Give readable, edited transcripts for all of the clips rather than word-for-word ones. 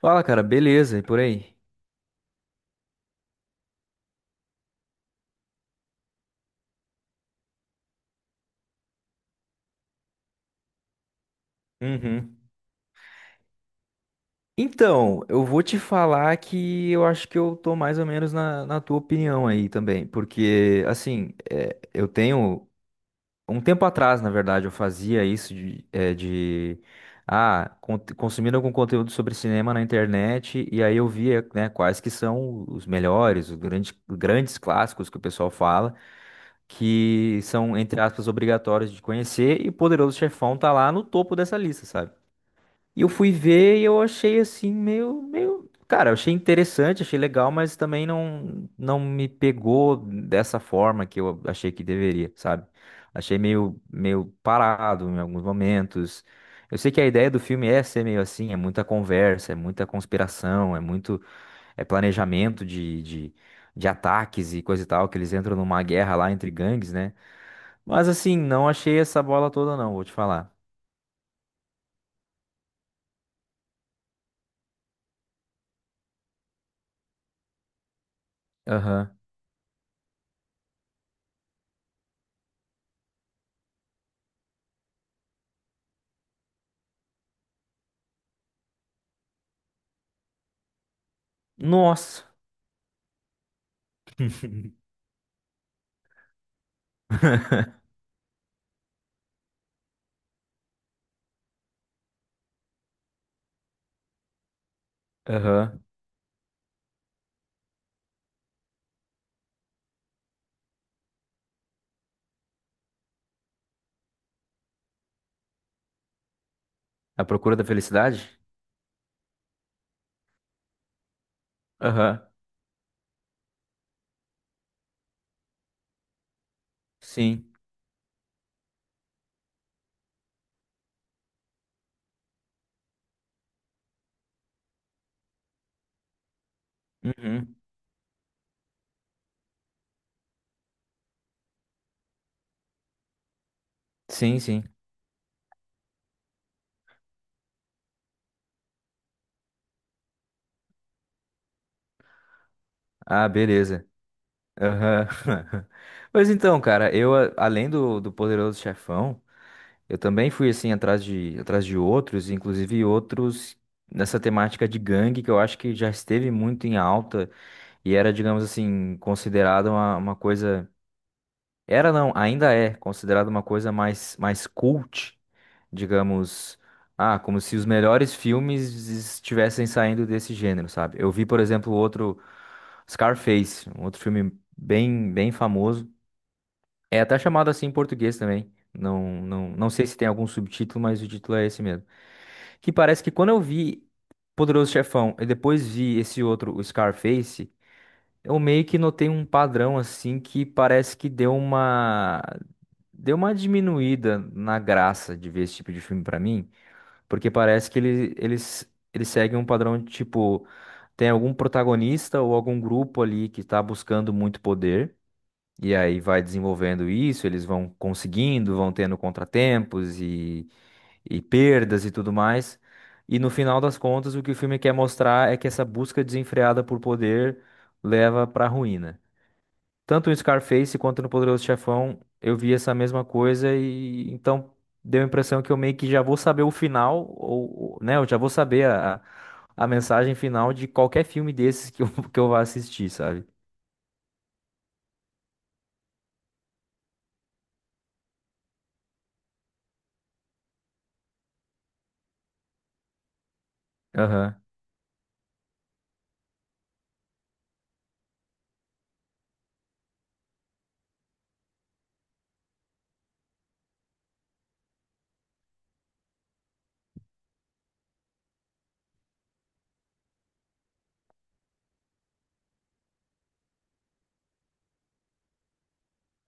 Fala, cara, beleza? E por aí? Uhum. Então, eu vou te falar que eu acho que eu tô mais ou menos na tua opinião aí também, porque, assim, eu tenho. Um tempo atrás, na verdade, eu fazia isso de consumindo algum conteúdo sobre cinema na internet, e aí eu via, né, quais que são os melhores, os grandes clássicos que o pessoal fala, que são, entre aspas, obrigatórios de conhecer, e Poderoso Chefão tá lá no topo dessa lista, sabe? E eu fui ver e eu achei assim, meio. Cara, eu achei interessante, achei legal, mas também não me pegou dessa forma que eu achei que deveria, sabe? Achei meio parado em alguns momentos. Eu sei que a ideia do filme é ser meio assim, é muita conversa, é muita conspiração, é muito, é planejamento de ataques e coisa e tal, que eles entram numa guerra lá entre gangues, né? Mas assim, não achei essa bola toda não, vou te falar. Aham. Nossa. Aham. A procura da felicidade? Aham. Sim. Uhum. Sim, sim. Ah, beleza. Aham. Pois então, cara, além do Poderoso Chefão, eu também fui, assim, atrás de outros, inclusive outros nessa temática de gangue, que eu acho que já esteve muito em alta e era, digamos assim, considerada uma coisa. Era não, ainda é considerado uma coisa mais cult, digamos, ah, como se os melhores filmes estivessem saindo desse gênero, sabe? Eu vi, por exemplo, outro Scarface, um outro filme bem famoso. É até chamado assim em português também. Não, não sei se tem algum subtítulo, mas o título é esse mesmo. Que parece que quando eu vi Poderoso Chefão e depois vi esse outro, o Scarface, eu meio que notei um padrão assim que parece que deu uma. Deu uma diminuída na graça de ver esse tipo de filme pra mim, porque parece que eles seguem um padrão de tipo, tem algum protagonista ou algum grupo ali que tá buscando muito poder, e aí vai desenvolvendo isso, eles vão conseguindo, vão tendo contratempos e perdas e tudo mais. E no final das contas, o que o filme quer mostrar é que essa busca desenfreada por poder leva pra ruína. Tanto no Scarface quanto no Poderoso Chefão, eu vi essa mesma coisa e então deu a impressão que eu meio que já vou saber o final, ou né, eu já vou saber a mensagem final de qualquer filme desses que eu, que eu vá assistir, sabe? Aham,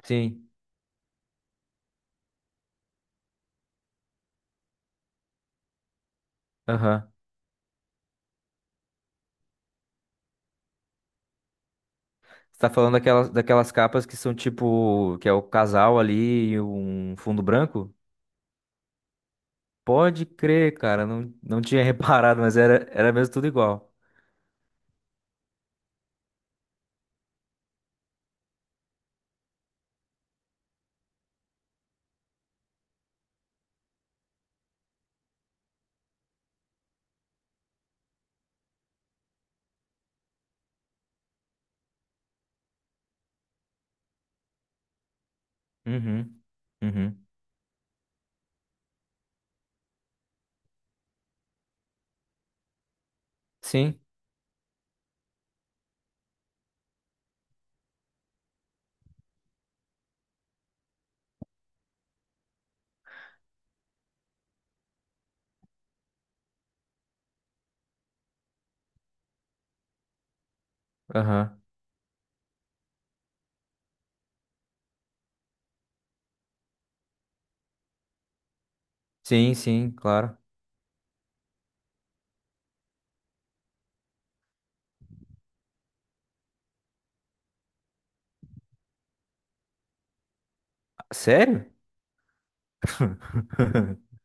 sim, aham. Você tá falando daquelas capas que são tipo, que é o casal ali e um fundo branco? Pode crer, cara, não tinha reparado, mas era mesmo tudo igual. Uhum, uhum. Sim, aham. Sim, sim, claro. Sério?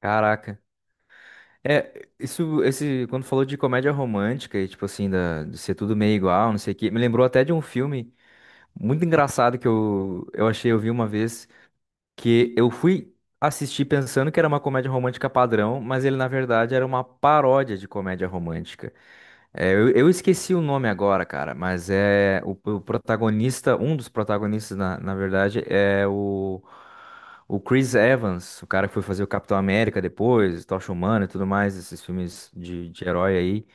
Caraca. É, isso, esse, quando falou de comédia romântica e, tipo assim, da, de ser tudo meio igual, não sei o quê, me lembrou até de um filme muito engraçado que eu achei, eu vi uma vez, que eu fui assistir pensando que era uma comédia romântica padrão, mas ele na verdade era uma paródia de comédia romântica. É, eu esqueci o nome agora, cara, mas é o protagonista, um dos protagonistas na, na verdade é o Chris Evans, o cara que foi fazer o Capitão América depois, Tocha Humana e tudo mais, esses filmes de herói aí.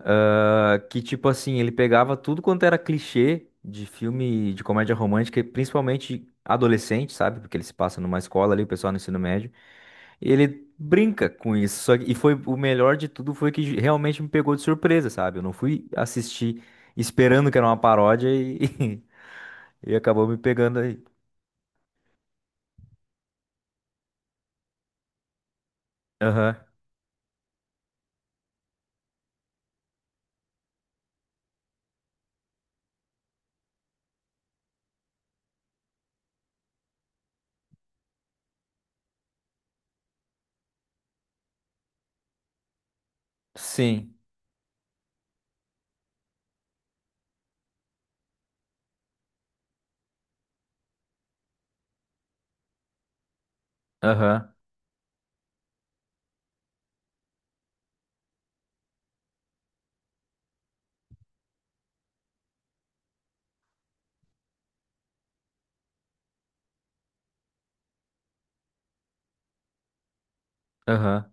Ah, que tipo assim, ele pegava tudo quanto era clichê de filme de comédia romântica, e principalmente adolescente, sabe? Porque ele se passa numa escola ali, o pessoal no ensino médio. E ele brinca com isso. E foi o melhor de tudo foi que realmente me pegou de surpresa, sabe? Eu não fui assistir esperando que era uma paródia e, e acabou me pegando aí. Aham. Sim. Aham. Aham.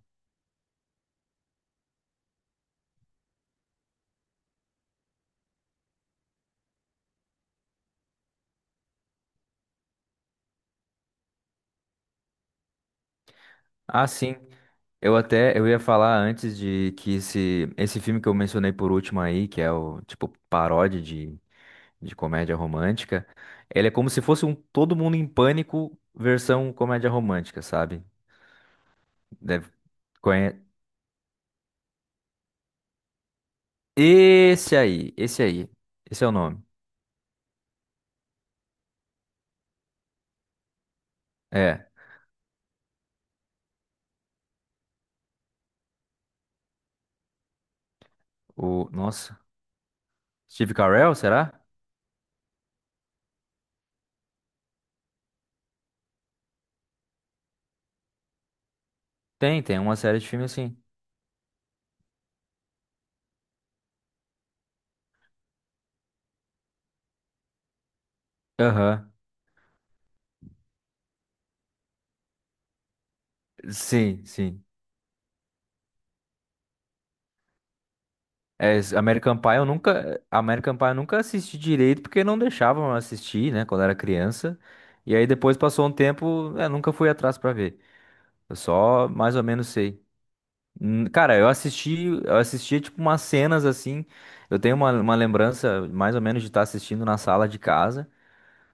Ah, sim. Eu até eu ia falar antes de que esse filme que eu mencionei por último aí, que é o tipo paródia de comédia romântica, ele é como se fosse um Todo Mundo em Pânico versão comédia romântica, sabe? Deve conhe... Esse aí, esse aí. Esse é o nome. É, o nossa, Steve Carell, será? Tem, tem uma série de filme assim. Aham. Sim, sim. É, American Pie eu nunca assisti direito porque não deixavam eu assistir, né, quando era criança. E aí depois passou um tempo, eu nunca fui atrás pra ver. Eu só mais ou menos sei. Cara, eu assistia tipo umas cenas assim. Eu tenho uma lembrança mais ou menos de estar assistindo na sala de casa.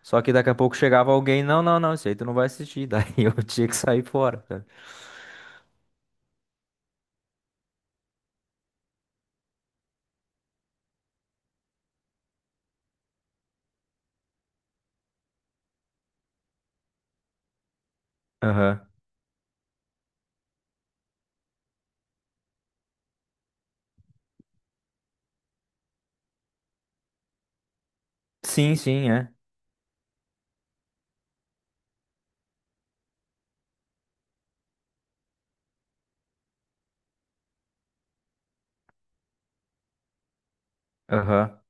Só que daqui a pouco chegava alguém, não, isso aí tu não vai assistir. Daí eu tinha que sair fora, sabe? Aham. Sim, sim, é. Aham.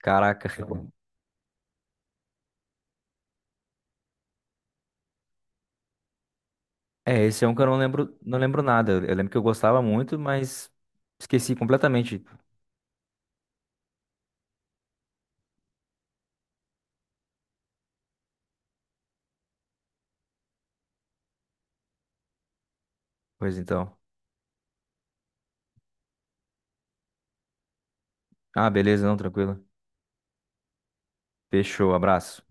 Caraca. É, esse é um que eu não lembro, não lembro nada. Eu lembro que eu gostava muito, mas esqueci completamente. Pois então. Ah, beleza, não, tranquilo. Fechou, abraço.